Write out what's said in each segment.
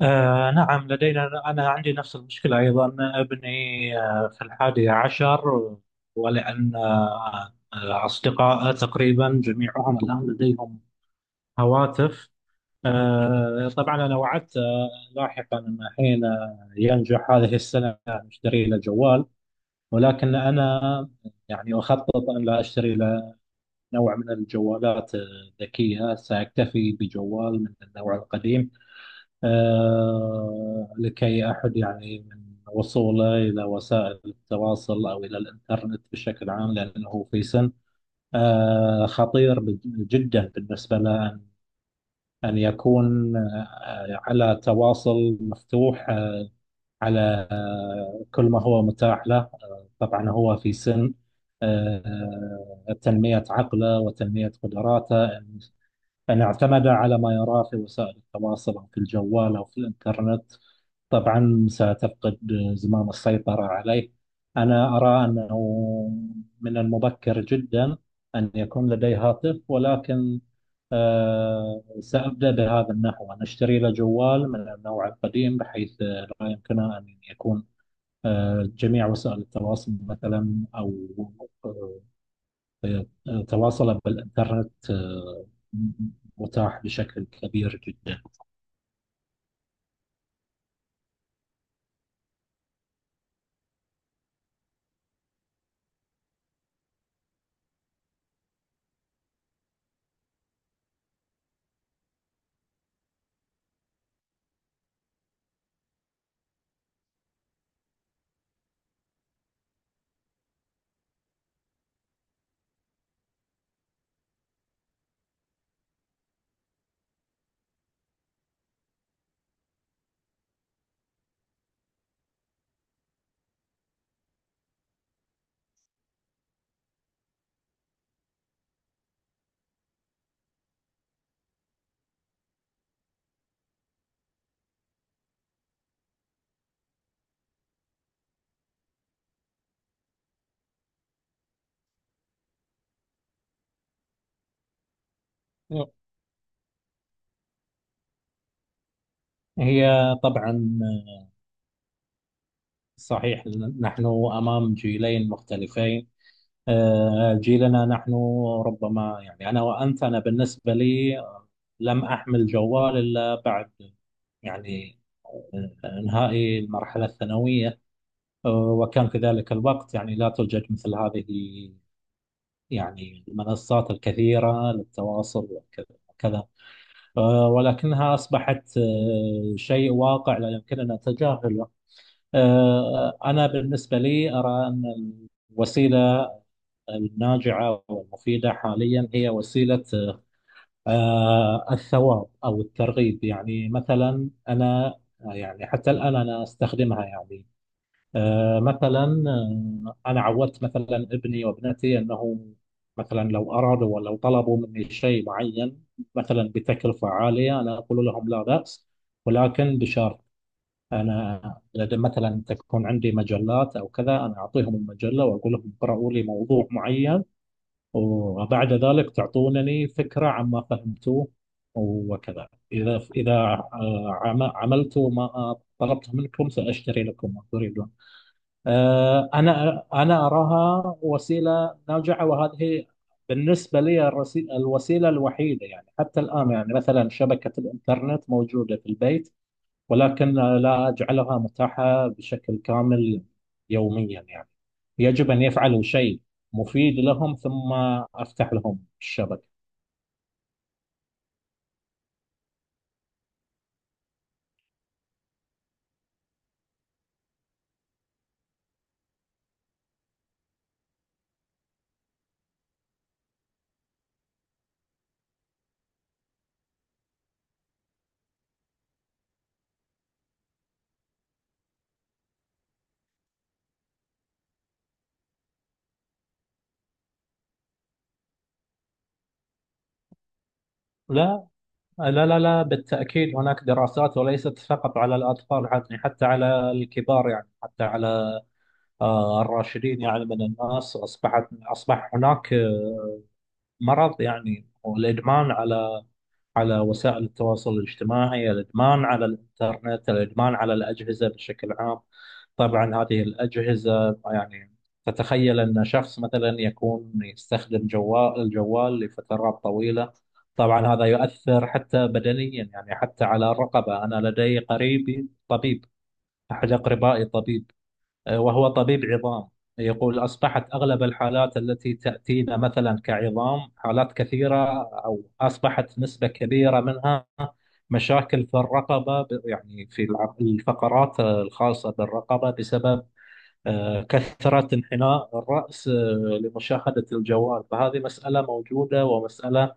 نعم، لدينا أنا عندي نفس المشكلة أيضا. ابني في الحادي عشر، ولأن أصدقائه تقريبا جميعهم الآن لديهم هواتف. طبعا أنا وعدت لاحقا أن حين ينجح هذه السنة أشتري له جوال، ولكن أنا أخطط أن لا أشتري له نوع من الجوالات الذكية، سأكتفي بجوال من النوع القديم، لكي أحد من وصوله إلى وسائل التواصل أو إلى الإنترنت بشكل عام، لأنه في سن خطير جدا بالنسبة له أن يكون على تواصل مفتوح على كل ما هو متاح له. طبعا هو في سن تنمية عقله وتنمية قدراته. إن اعتمد على ما يراه في وسائل التواصل أو في الجوال أو في الإنترنت، طبعا ستفقد زمام السيطرة عليه. أنا أرى أنه من المبكر جدا أن يكون لدي هاتف، ولكن سأبدأ بهذا النحو، أن أشتري له جوال من النوع القديم بحيث لا يمكنه أن يكون جميع وسائل التواصل مثلا، أو آه، تواصله بالإنترنت متاح بشكل كبير جدا. هي طبعا صحيح، نحن أمام جيلين مختلفين. جيلنا نحن ربما، أنا وأنت، أنا بالنسبة لي لم أحمل جوال إلا بعد، يعني إنهائي المرحلة الثانوية. وكان في ذلك الوقت لا توجد مثل هذه المنصات الكثيرة للتواصل وكذا وكذا، ولكنها أصبحت شيء واقع لا يمكننا تجاهله. أنا بالنسبة لي أرى أن الوسيلة الناجعة والمفيدة حاليا هي وسيلة الثواب أو الترغيب. مثلا أنا حتى الآن أنا أستخدمها. مثلا أنا عودت مثلا ابني وابنتي أنه مثلا لو أرادوا ولو طلبوا مني شيء معين، مثلا بتكلفة عالية، أنا أقول لهم لا بأس ولكن بشرط: انا إذا مثلا تكون عندي مجلات او كذا، انا اعطيهم المجله واقول لهم اقرأوا لي موضوع معين، وبعد ذلك تعطونني فكره عما فهمتوه. وكذا اذا عملتوا ما طلبته منكم، ساشتري لكم ما تريدون. انا اراها وسيله ناجعه، وهذه بالنسبه لي الوسيله الوحيده. حتى الان مثلا شبكه الانترنت موجوده في البيت، ولكن لا أجعلها متاحة بشكل كامل يوميا. يجب أن يفعلوا شيء مفيد لهم، ثم أفتح لهم الشبكة. لا، لا، لا، لا، بالتأكيد هناك دراسات، وليست فقط على الأطفال، حتى على الكبار، حتى على الراشدين. من الناس أصبح هناك مرض، والإدمان على وسائل التواصل الاجتماعي، الإدمان على الإنترنت، الإدمان على الأجهزة بشكل عام. طبعا هذه الأجهزة، تتخيل أن شخص مثلا يكون يستخدم الجوال لفترات طويلة، طبعا هذا يؤثر حتى بدنيا، حتى على الرقبة. أنا لدي قريبي طبيب، أحد أقربائي طبيب، وهو طبيب عظام، يقول أصبحت أغلب الحالات التي تأتينا مثلا كعظام حالات كثيرة، أو أصبحت نسبة كبيرة منها مشاكل في الرقبة، في الفقرات الخاصة بالرقبة بسبب كثرة انحناء الرأس لمشاهدة الجوال. فهذه مسألة موجودة ومسألة،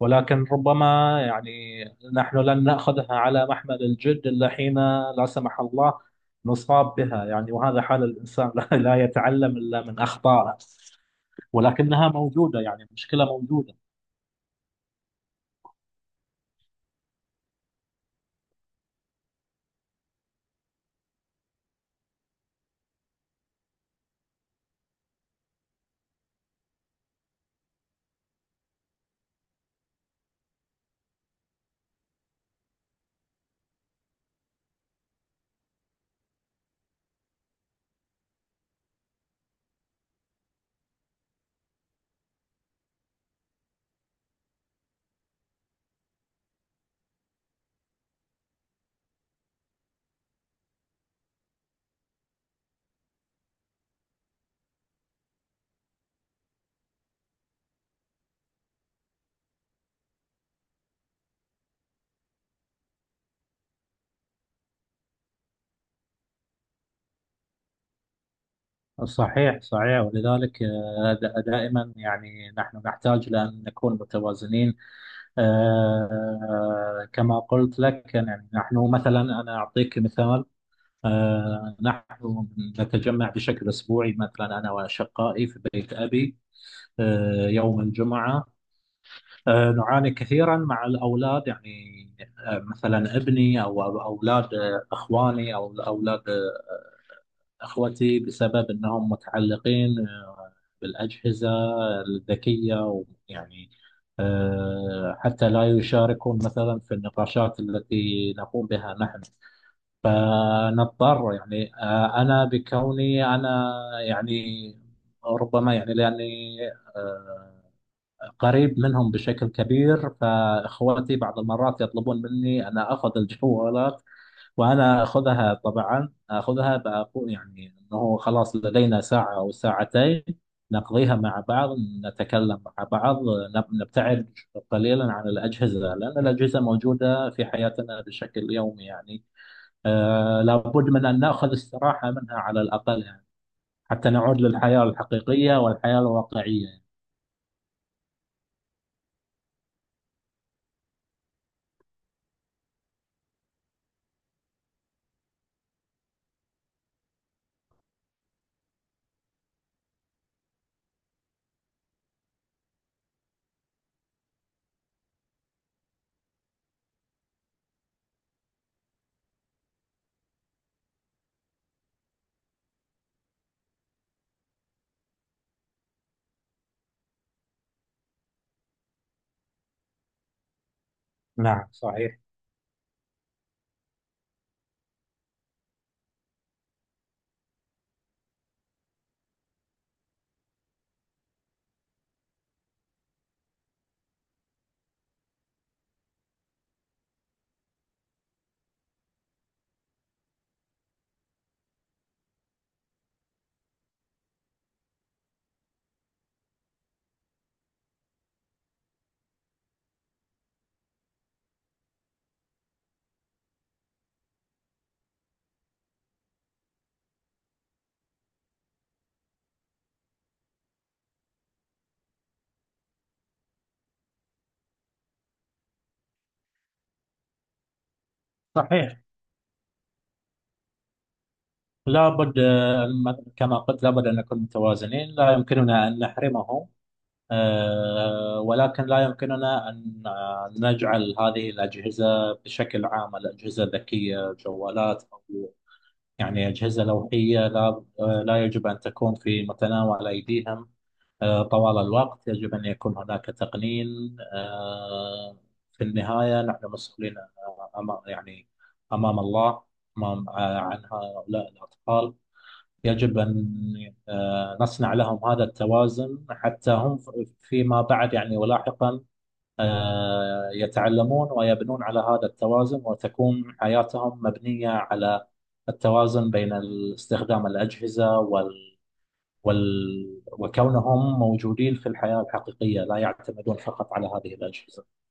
ولكن ربما، نحن لن نأخذها على محمل الجد إلا حين لا سمح الله نصاب بها. وهذا حال الإنسان لا لا يتعلم إلا من أخطائه، ولكنها موجودة، مشكلة موجودة. صحيح صحيح، ولذلك دائما نحن نحتاج لأن نكون متوازنين. كما قلت لك، نحن مثلا، أنا أعطيك مثال: نحن نتجمع بشكل أسبوعي، مثلا أنا وأشقائي في بيت أبي يوم الجمعة. نعاني كثيرا مع الأولاد، مثلا ابني أو أولاد إخواني، أو أولاد إخوتي، بسبب أنهم متعلقين بالأجهزة الذكية. ويعني حتى لا يشاركون مثلا في النقاشات التي نقوم بها نحن، فنضطر، أنا بكوني أنا، يعني ربما لأني آه، قريب منهم بشكل كبير، فإخوتي بعض المرات يطلبون مني أنا أخذ الجوالات، وأنا أخذها. طبعا أخذها بأقول، أنه خلاص لدينا ساعة أو ساعتين نقضيها مع بعض، نتكلم مع بعض، نبتعد قليلا عن الأجهزة، لأن الأجهزة موجودة في حياتنا بشكل يومي. لابد من أن نأخذ استراحة منها على الأقل، حتى نعود للحياة الحقيقية والحياة الواقعية. نعم صحيح صحيح، لابد كما قلت لابد أن نكون متوازنين، لا يمكننا أن نحرمهم، ولكن لا يمكننا أن نجعل هذه الأجهزة بشكل عام، الأجهزة الذكية، جوالات أو أجهزة لوحية، لا لا يجب أن تكون في متناول أيديهم طوال الوقت، يجب أن يكون هناك تقنين. في النهاية نحن مسؤولين أمام، أمام الله، أمام عن هؤلاء الأطفال. يجب أن نصنع لهم هذا التوازن، حتى هم فيما بعد ولاحقا يتعلمون ويبنون على هذا التوازن، وتكون حياتهم مبنية على التوازن بين استخدام الأجهزة وال، وال، وكونهم موجودين في الحياة الحقيقية لا يعتمدون فقط على هذه الأجهزة.